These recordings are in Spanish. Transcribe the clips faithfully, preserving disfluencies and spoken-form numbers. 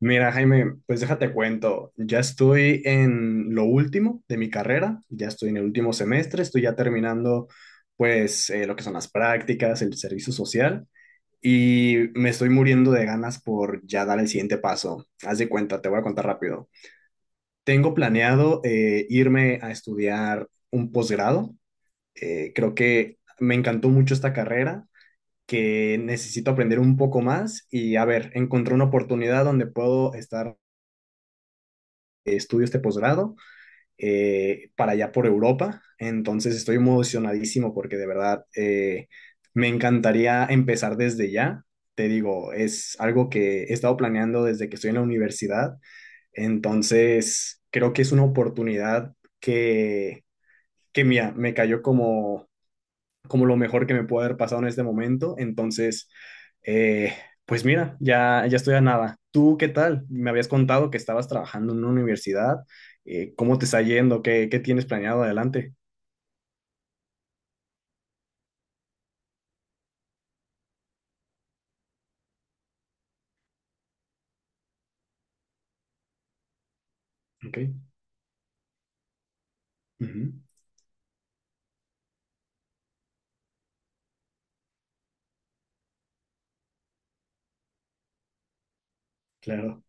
Mira, Jaime, pues déjate cuento, ya estoy en lo último de mi carrera, ya estoy en el último semestre, estoy ya terminando pues eh, lo que son las prácticas, el servicio social y me estoy muriendo de ganas por ya dar el siguiente paso. Haz de cuenta, te voy a contar rápido. Tengo planeado eh, irme a estudiar un posgrado. Eh, creo que me encantó mucho esta carrera, que necesito aprender un poco más y a ver, encontré una oportunidad donde puedo estar estudios de posgrado eh, para allá por Europa. Entonces estoy emocionadísimo porque de verdad, eh, me encantaría empezar desde ya. Te digo, es algo que he estado planeando desde que estoy en la universidad. Entonces creo que es una oportunidad que, que mira, me cayó como, como lo mejor que me puede haber pasado en este momento. Entonces, eh, pues mira, ya, ya estoy a nada. ¿Tú qué tal? Me habías contado que estabas trabajando en una universidad. Eh, ¿cómo te está yendo? ¿Qué, qué tienes planeado adelante? Ok. Ujú. Claro.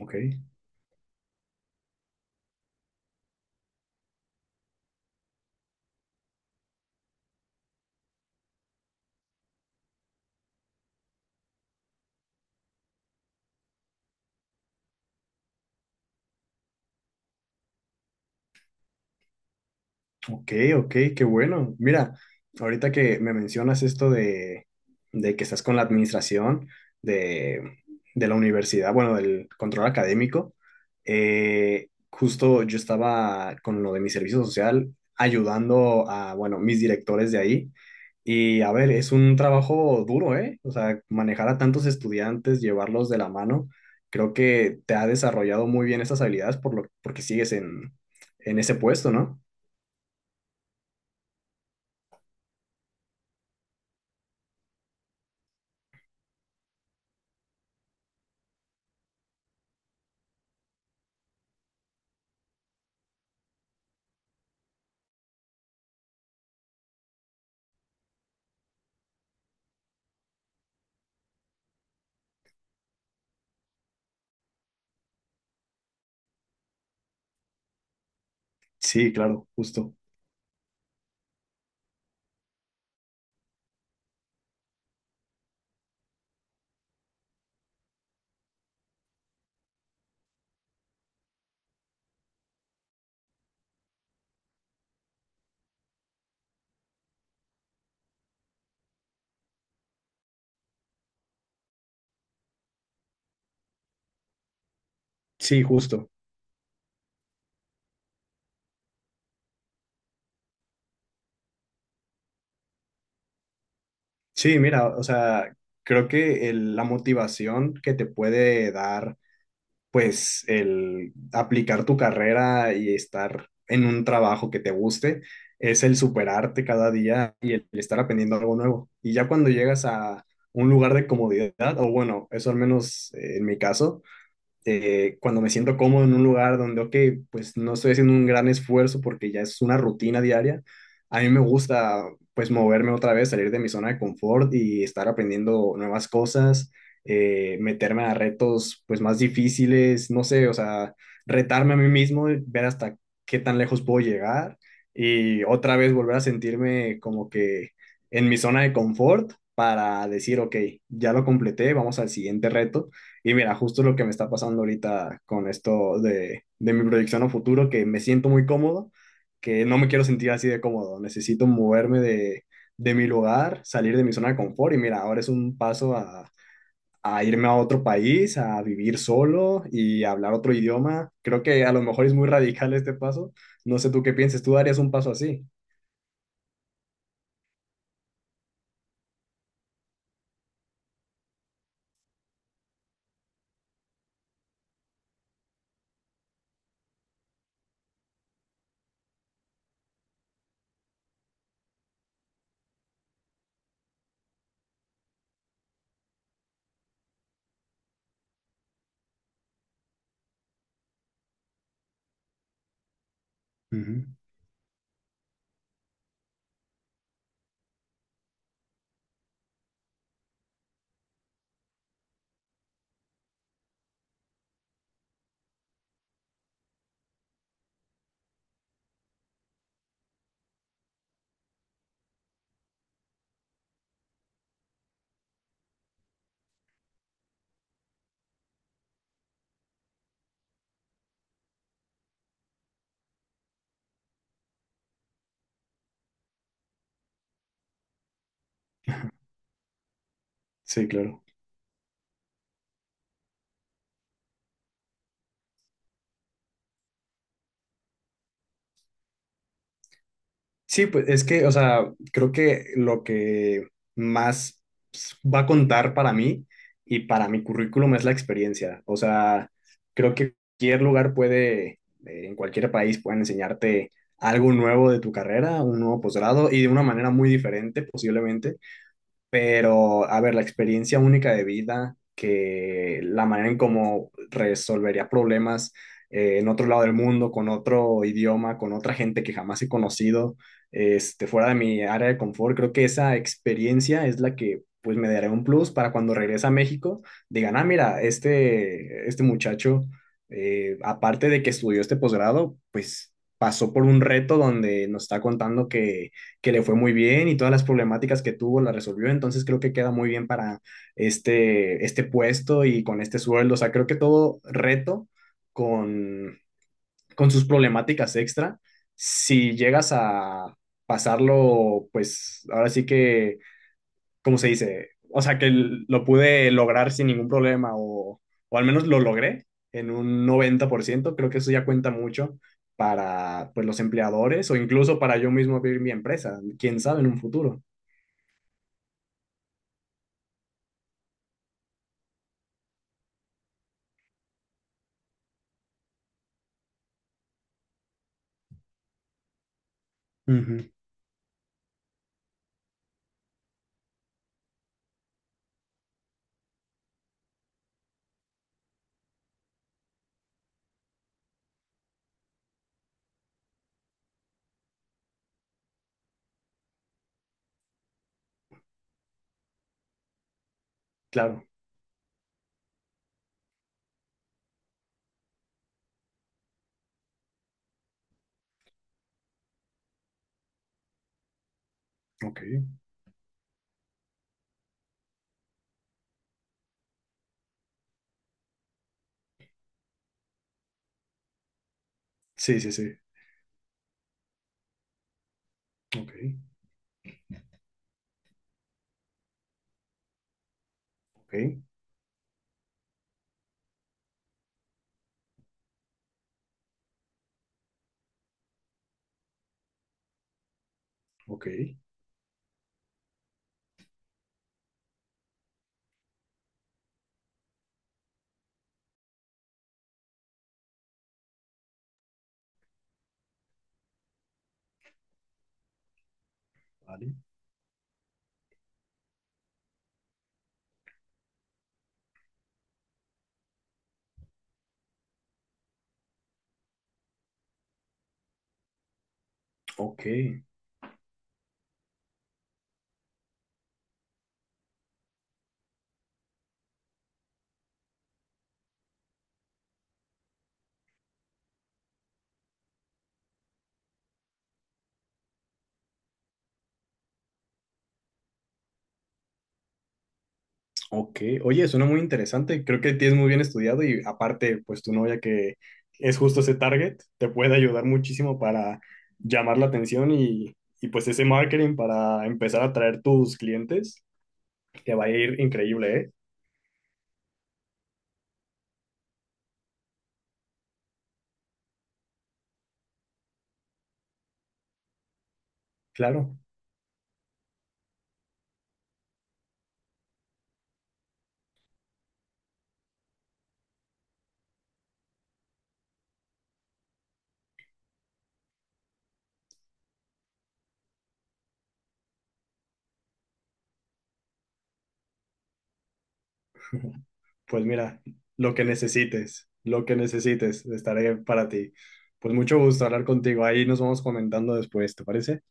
Ok. Ok, ok, qué bueno. Mira, ahorita que me mencionas esto de, de que estás con la administración de, de la universidad, bueno, del control académico, eh, justo yo estaba con lo de mi servicio social ayudando a, bueno, mis directores de ahí. Y a ver, es un trabajo duro, ¿eh? O sea, manejar a tantos estudiantes, llevarlos de la mano, creo que te ha desarrollado muy bien esas habilidades por lo, porque sigues en, en ese puesto, ¿no? Sí, claro, justo. Sí, justo. Sí, mira, o sea, creo que el- la motivación que te puede dar, pues, el aplicar tu carrera y estar en un trabajo que te guste, es el superarte cada día y el estar aprendiendo algo nuevo. Y ya cuando llegas a un lugar de comodidad, o bueno, eso al menos eh, en mi caso, eh, cuando me siento cómodo en un lugar donde, ok, pues no estoy haciendo un gran esfuerzo porque ya es una rutina diaria, a mí me gusta pues moverme otra vez, salir de mi zona de confort y estar aprendiendo nuevas cosas, eh, meterme a retos pues más difíciles, no sé, o sea, retarme a mí mismo, ver hasta qué tan lejos puedo llegar y otra vez volver a sentirme como que en mi zona de confort para decir, ok, ya lo completé, vamos al siguiente reto y mira, justo lo que me está pasando ahorita con esto de, de mi proyección a futuro, que me siento muy cómodo, que no me quiero sentir así de cómodo, necesito moverme de, de mi lugar, salir de mi zona de confort y mira, ahora es un paso a, a irme a otro país, a vivir solo y a hablar otro idioma. Creo que a lo mejor es muy radical este paso. No sé tú qué piensas, tú darías un paso así. Ujú. Sí, claro. Sí, pues es que, o sea, creo que lo que más va a contar para mí y para mi currículum es la experiencia. O sea, creo que cualquier lugar puede, eh, en cualquier país pueden enseñarte algo nuevo de tu carrera, un nuevo posgrado y de una manera muy diferente posiblemente. Pero, a ver, la experiencia única de vida, que la manera en cómo resolvería problemas eh, en otro lado del mundo, con otro idioma, con otra gente que jamás he conocido, este, fuera de mi área de confort, creo que esa experiencia es la que pues me dará un plus para cuando regrese a México, digan, ah, mira, este, este muchacho, eh, aparte de que estudió este posgrado, pues pasó por un reto donde nos está contando que que le fue muy bien y todas las problemáticas que tuvo las resolvió, entonces creo que queda muy bien para este, este puesto y con este sueldo, o sea, creo que todo reto con, con sus problemáticas extra, si llegas a pasarlo, pues ahora sí que ¿cómo se dice? O sea, que l- lo pude lograr sin ningún problema o, o al menos lo logré en un noventa por ciento. Creo que eso ya cuenta mucho para pues, los empleadores o incluso para yo mismo abrir mi empresa. ¿Quién sabe en un futuro? Ujú. Claro. Ok. Sí, sí, sí. Ok. Ok. Ok. Vale. Ok. Ok, oye, suena muy interesante. Creo que tienes muy bien estudiado y aparte, pues tu novia que es justo ese target, te puede ayudar muchísimo para llamar la atención y, y pues ese marketing para empezar a atraer tus clientes, te va a ir increíble, ¿eh? Claro. Pues mira, lo que necesites, lo que necesites, estaré para ti. Pues mucho gusto hablar contigo. Ahí nos vamos comentando después, ¿te parece?